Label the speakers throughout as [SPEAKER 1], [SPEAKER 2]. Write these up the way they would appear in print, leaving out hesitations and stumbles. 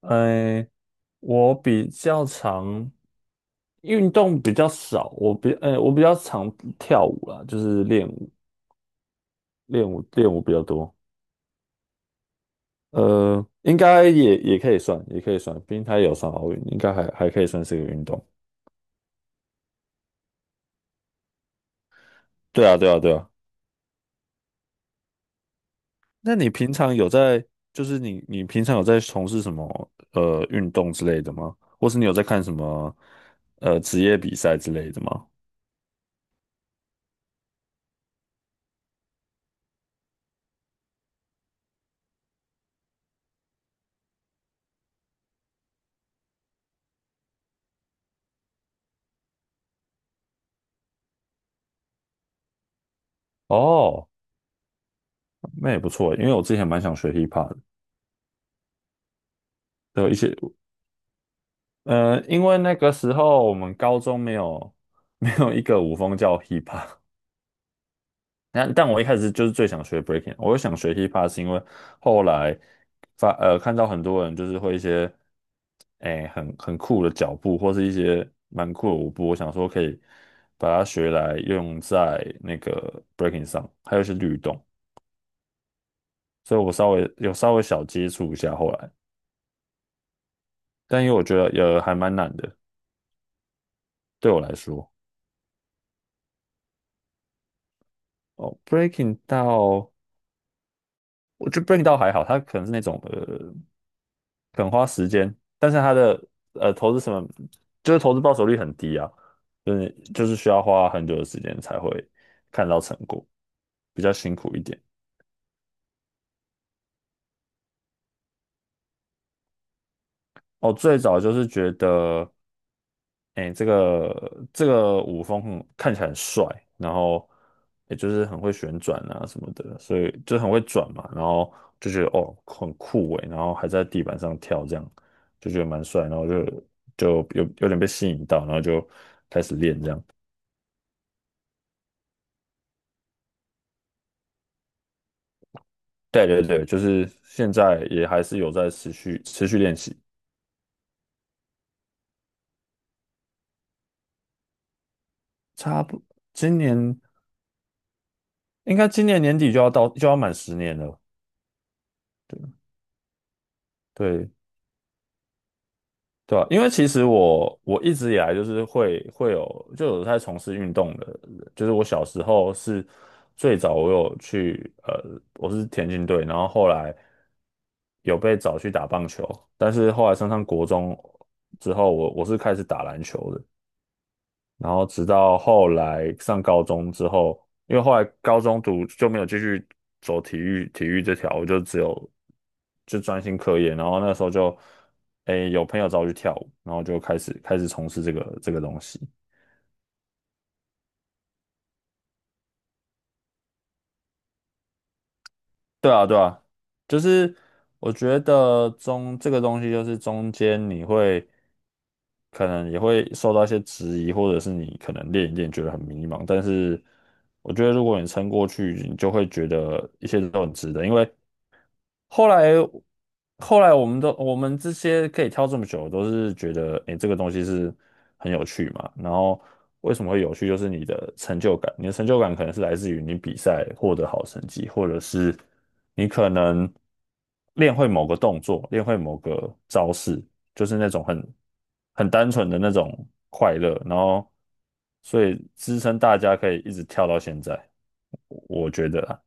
[SPEAKER 1] 哎，我比较常运动比较少，我比较常跳舞啦，就是练舞比较多。应该也可以算，也可以算，毕竟它也有上奥运，应该还可以算是个运动。对啊，对啊，对啊。那你平常有在，就是你平常有在从事什么运动之类的吗？或是你有在看什么职业比赛之类的吗？哦，那也不错，因为我之前蛮想学 hiphop 的，有一些呃，因为那个时候我们高中没有一个舞风叫 hip hop，但我一开始就是最想学 breaking，我想学 hip hop 是因为后来看到很多人就是会一些哎很酷的脚步或是一些蛮酷的舞步，我想说可以把它学来用在那个 breaking 上，还有一些律动，所以我稍微小接触一下后来，但因为我觉得也还蛮难的，对我来说。哦，我觉得 Break 倒还好，它可能是那种肯花时间，但是它的呃投资什么，就是投资报酬率很低啊，就是需要花很久的时间才会看到成果，比较辛苦一点。哦，最早就是觉得，哎，这个舞风看起来很帅，然后也就是很会旋转啊什么的，所以就很会转嘛，然后就觉得哦很酷诶，然后还在地板上跳，这样就觉得蛮帅，然后就有点被吸引到，然后就开始练这样。对对对，就是现在也还是有在持续练习，差不今年应该今年年底就要满10年了，对。对啊，因为其实我一直以来就是会有就有在从事运动的人就是我小时候是最早我有去呃我是田径队，然后后来有被找去打棒球，但是后来升上国中之后，我是开始打篮球的，然后直到后来上高中之后，因为后来高中读就没有继续走体育这条，我就只有就专心课业。然后那时候诶，有朋友找我去跳舞，然后就开始从事这个东西。对啊，对啊，就是我觉得这个东西，就是中间你会可能也会受到一些质疑，或者是你可能练一练觉得很迷茫，但是我觉得如果你撑过去，你就会觉得一切都很值得，因为后来后来我们这些可以跳这么久，都是觉得诶、这个东西是很有趣嘛。然后为什么会有趣，就是你的成就感，你的成就感可能是来自于你比赛获得好成绩，或者是你可能练会某个动作，练会某个招式，就是那种很单纯的那种快乐。然后所以支撑大家可以一直跳到现在，我觉得啊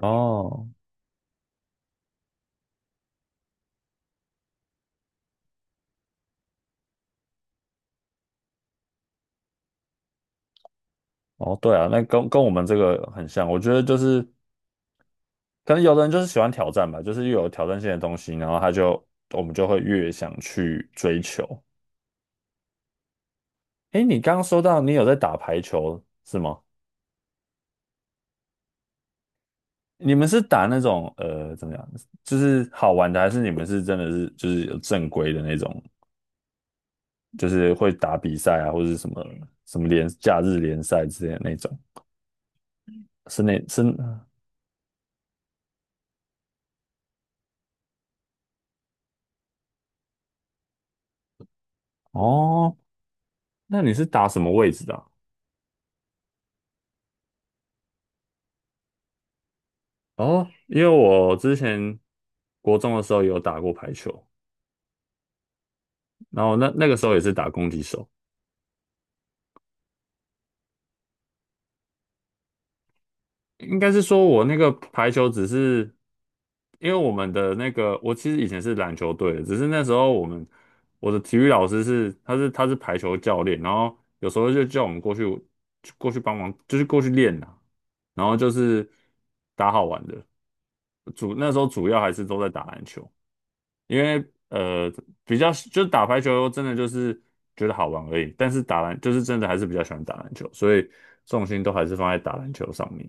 [SPEAKER 1] 哦。哦，对啊，那跟我们这个很像，我觉得就是可能有的人就是喜欢挑战吧，就是越有挑战性的东西，然后我们就会越想去追求。诶，你刚刚说到你有在打排球是吗？你们是打那种怎么样，就是好玩的，还是你们是真的是就是有正规的那种，就是会打比赛啊，或者是什么什么假日联赛之类的那种？是哦，那你是打什么位置的啊。哦，因为我之前国中的时候有打过排球，然后那个时候也是打攻击手，应该是说我那个排球只是因为我们的那个，我其实以前是篮球队的，只是那时候我的体育老师他是排球教练，然后有时候就叫我们过去帮忙，就是过去练啦，然后就是打好玩的，那时候主要还是都在打篮球。因为呃比较就是打排球真的就是觉得好玩而已，但是就是真的还是比较喜欢打篮球，所以重心都还是放在打篮球上面。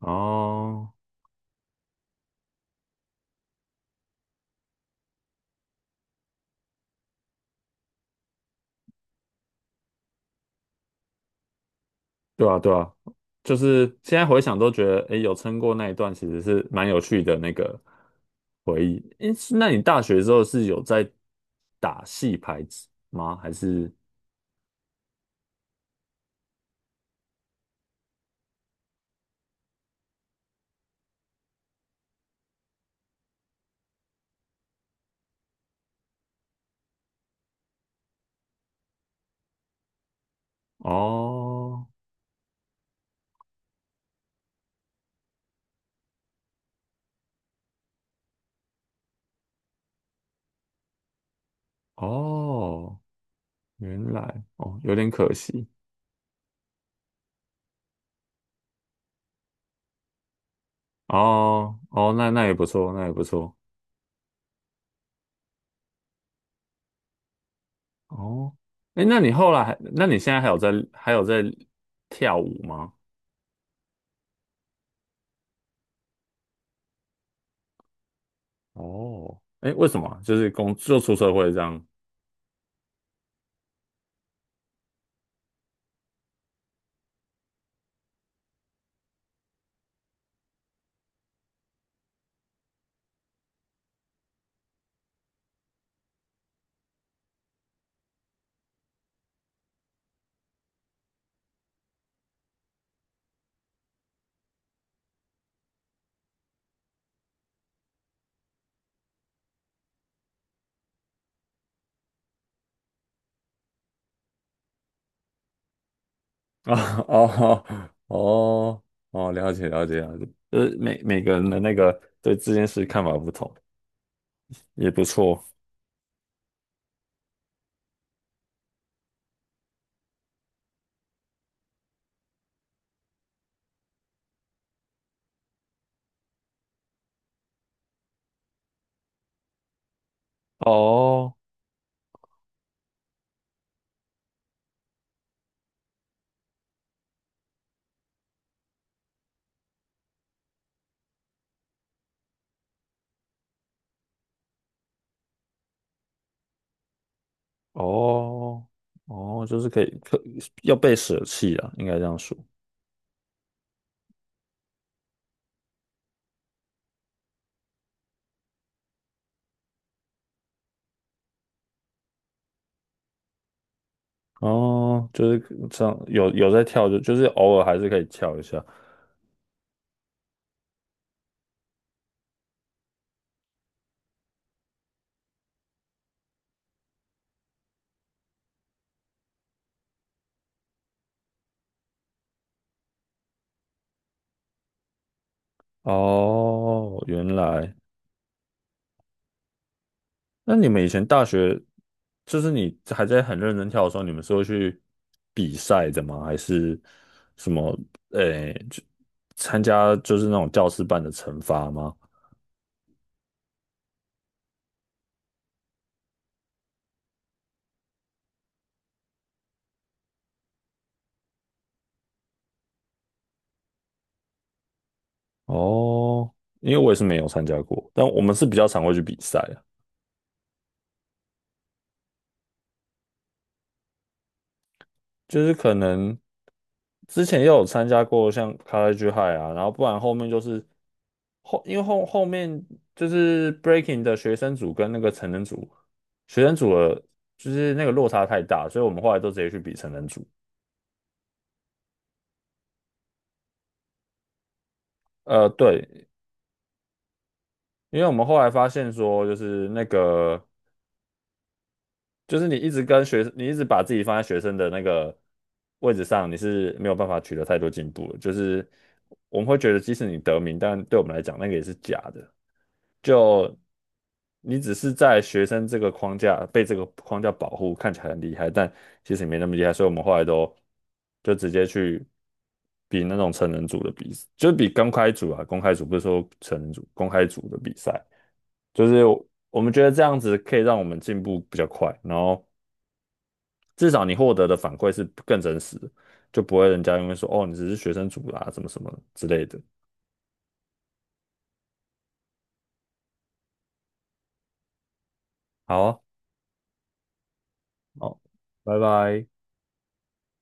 [SPEAKER 1] 哦，对啊对啊，就是现在回想都觉得，诶，有撑过那一段其实是蛮有趣的那个回忆。诶，那你大学之后是有在打戏牌子吗？还是哦哦，原来哦有点可惜。哦哦，那也不错，那也不错。哦，哎，那你现在还有在跳舞吗？哦，哎，为什么啊就是就出社会这样，啊，哦，哦，哦，了解，了解，了解，每个人的那个对这件事看法不同，也不错。哦，哦，哦，就是可要被舍弃啊，应该这样说。哦，就是这样，有在跳，就是偶尔还是可以跳一下。哦，原来。那你们以前大学，就是你还在很认真跳的时候，你们是会去比赛的吗？还是什么？诶、就参加就是那种教师办的惩罚吗？哦，因为我也是没有参加过，但我们是比较常会去比赛。就是可能之前也有参加过像 College High 啊，然后不然后面就是因为后面就是 Breaking 的学生组跟那个成人组，学生组的就是那个落差太大，所以我们后来都直接去比成人组。呃，对，因为我们后来发现说，就是那个，就是你一直把自己放在学生的那个位置上，你是没有办法取得太多进步的。就是我们会觉得，即使你得名，但对我们来讲，那个也是假的。就你只是在学生这个框架被这个框架保护，看起来很厉害，但其实也没那么厉害，所以我们后来都就直接去比那种成人组的比，就是比公开组啊，公开组不是说成人组，公开组的比赛，就是我们觉得这样子可以让我们进步比较快，然后至少你获得的反馈是更真实的，就不会人家因为说哦你只是学生组啦、什么什么之类的。好啊，好，拜拜。